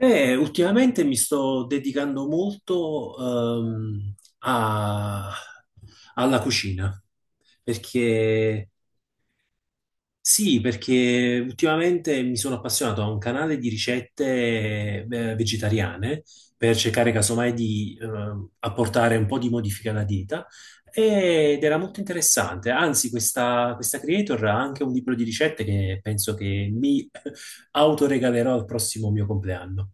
Ultimamente mi sto dedicando molto ehm, a- alla cucina, perché sì, perché ultimamente mi sono appassionato a un canale di ricette vegetariane per cercare casomai di apportare un po' di modifica alla dieta ed era molto interessante. Anzi, questa creator ha anche un libro di ricette che penso che mi autoregalerò al prossimo mio compleanno.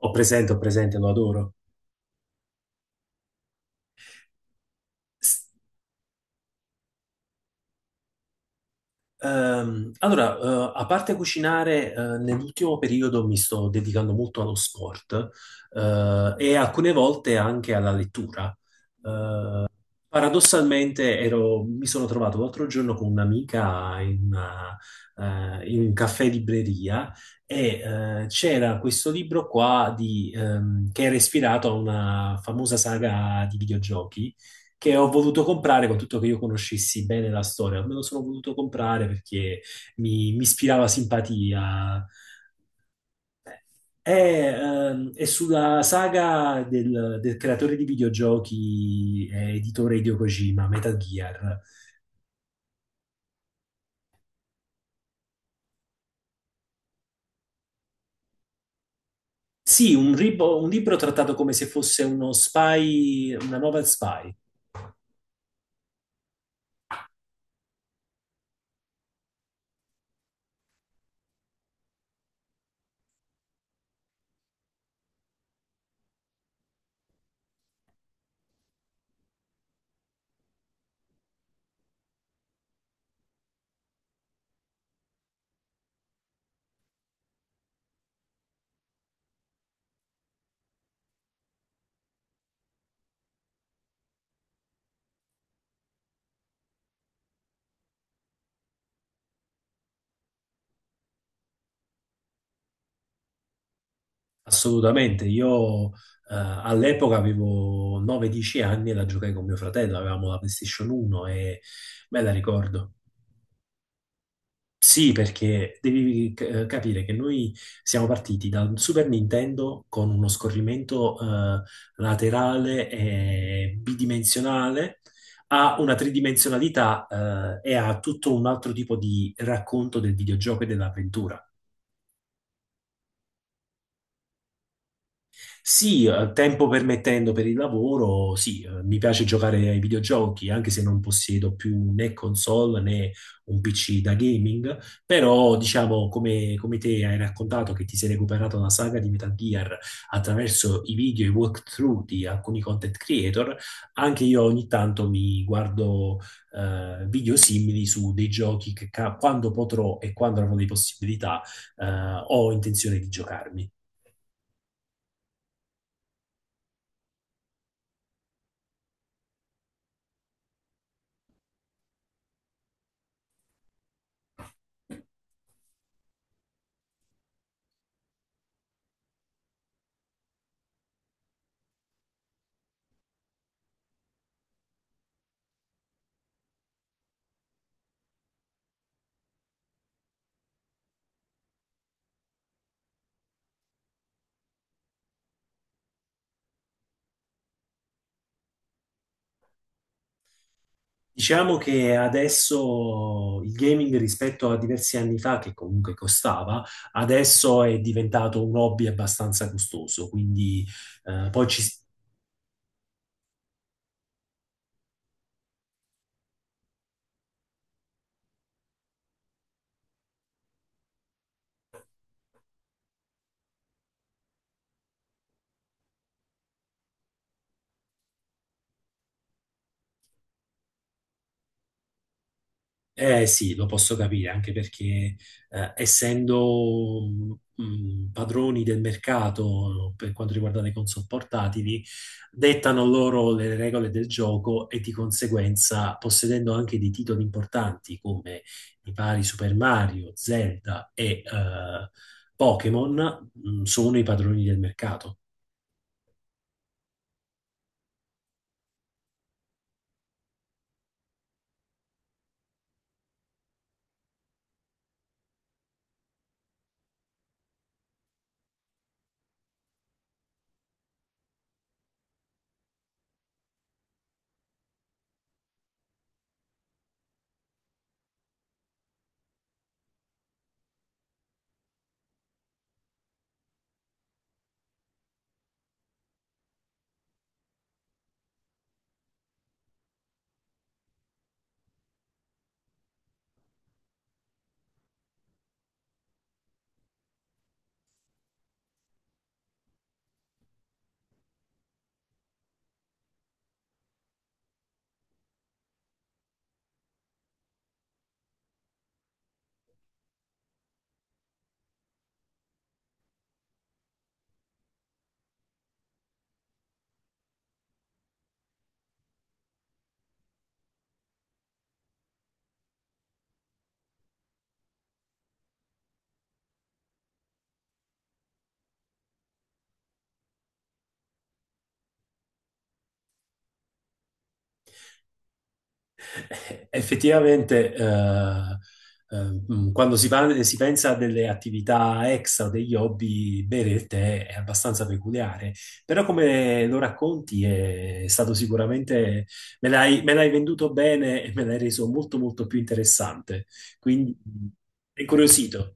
Ho presente, lo adoro. S- allora, a parte cucinare, nell'ultimo periodo mi sto dedicando molto allo sport, e alcune volte anche alla lettura. Paradossalmente mi sono trovato l'altro giorno con un'amica in un caffè libreria e c'era questo libro qua che era ispirato a una famosa saga di videogiochi che ho voluto comprare con tutto che io conoscessi bene la storia. Me lo sono voluto comprare perché mi ispirava simpatia. È, è sulla saga del creatore di videogiochi e editore Hideo Kojima, Metal Gear. Sì, un libro trattato come se fosse uno spy, una novel spy, assolutamente. Io all'epoca avevo 9-10 anni e la giocai con mio fratello, avevamo la PlayStation 1 e me la ricordo. Sì, perché devi capire che noi siamo partiti da un Super Nintendo con uno scorrimento laterale e bidimensionale a una tridimensionalità e a tutto un altro tipo di racconto del videogioco e dell'avventura. Sì, tempo permettendo per il lavoro, sì, mi piace giocare ai videogiochi, anche se non possiedo più né console né un PC da gaming, però diciamo come te hai raccontato che ti sei recuperato la saga di Metal Gear attraverso i video e i walkthrough di alcuni content creator, anche io ogni tanto mi guardo video simili su dei giochi che quando potrò e quando avrò le possibilità eh, ho intenzione di giocarmi. Diciamo che adesso il gaming rispetto a diversi anni fa, che comunque costava, adesso è diventato un hobby abbastanza costoso, quindi eh, poi ci, eh sì, lo posso capire, anche perché essendo padroni del mercato per quanto riguarda le console portatili, dettano loro le regole del gioco e di conseguenza, possedendo anche dei titoli importanti come i vari Super Mario, Zelda e Pokémon, sono i padroni del mercato. Effettivamente, eh, quando si pensa a delle attività extra o degli hobby, bere il tè è abbastanza peculiare, però come lo racconti è stato sicuramente, me l'hai venduto bene e me l'hai reso molto molto più interessante, quindi è incuriosito.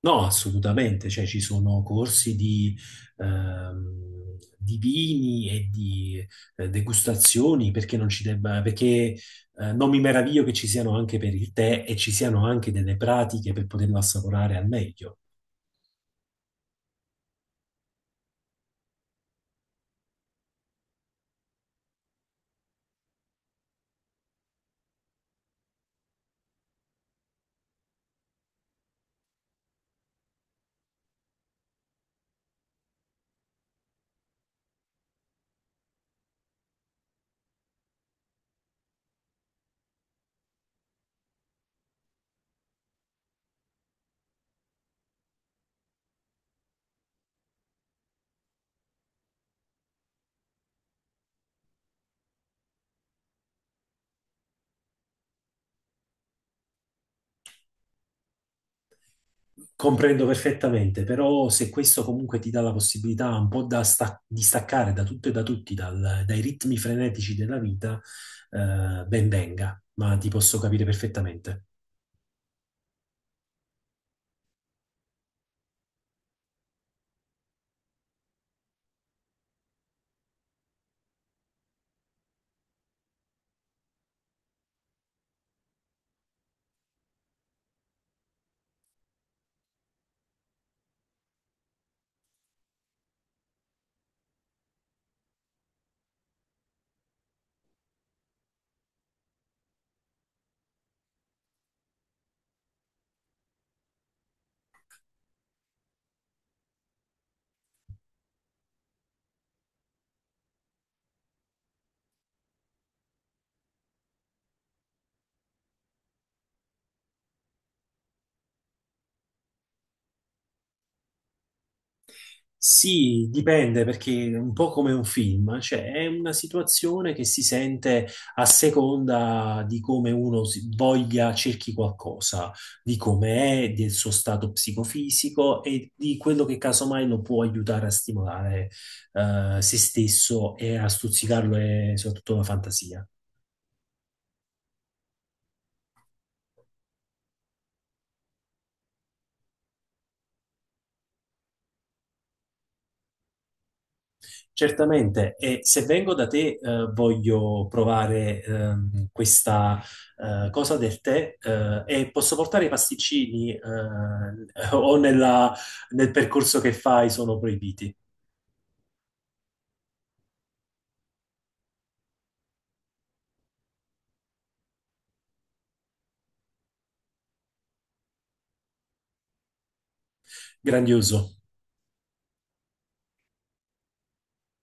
No, assolutamente, cioè ci sono corsi di vini e di degustazioni, perché non ci debba, perché non mi meraviglio che ci siano anche per il tè e ci siano anche delle pratiche per poterlo assaporare al meglio. Comprendo perfettamente, però se questo comunque ti dà la possibilità un po' di staccare da tutto e da tutti, dai ritmi frenetici della vita, ben venga, ma ti posso capire perfettamente. Sì, dipende perché è un po' come un film, cioè è una situazione che si sente a seconda di come uno voglia, cerchi qualcosa, di come è, del suo stato psicofisico e di quello che casomai lo può aiutare a stimolare se stesso e a stuzzicarlo e soprattutto la fantasia. Certamente, e se vengo da te, voglio provare questa cosa del tè e posso portare i pasticcini o nella- nel percorso che fai sono proibiti. Grandioso.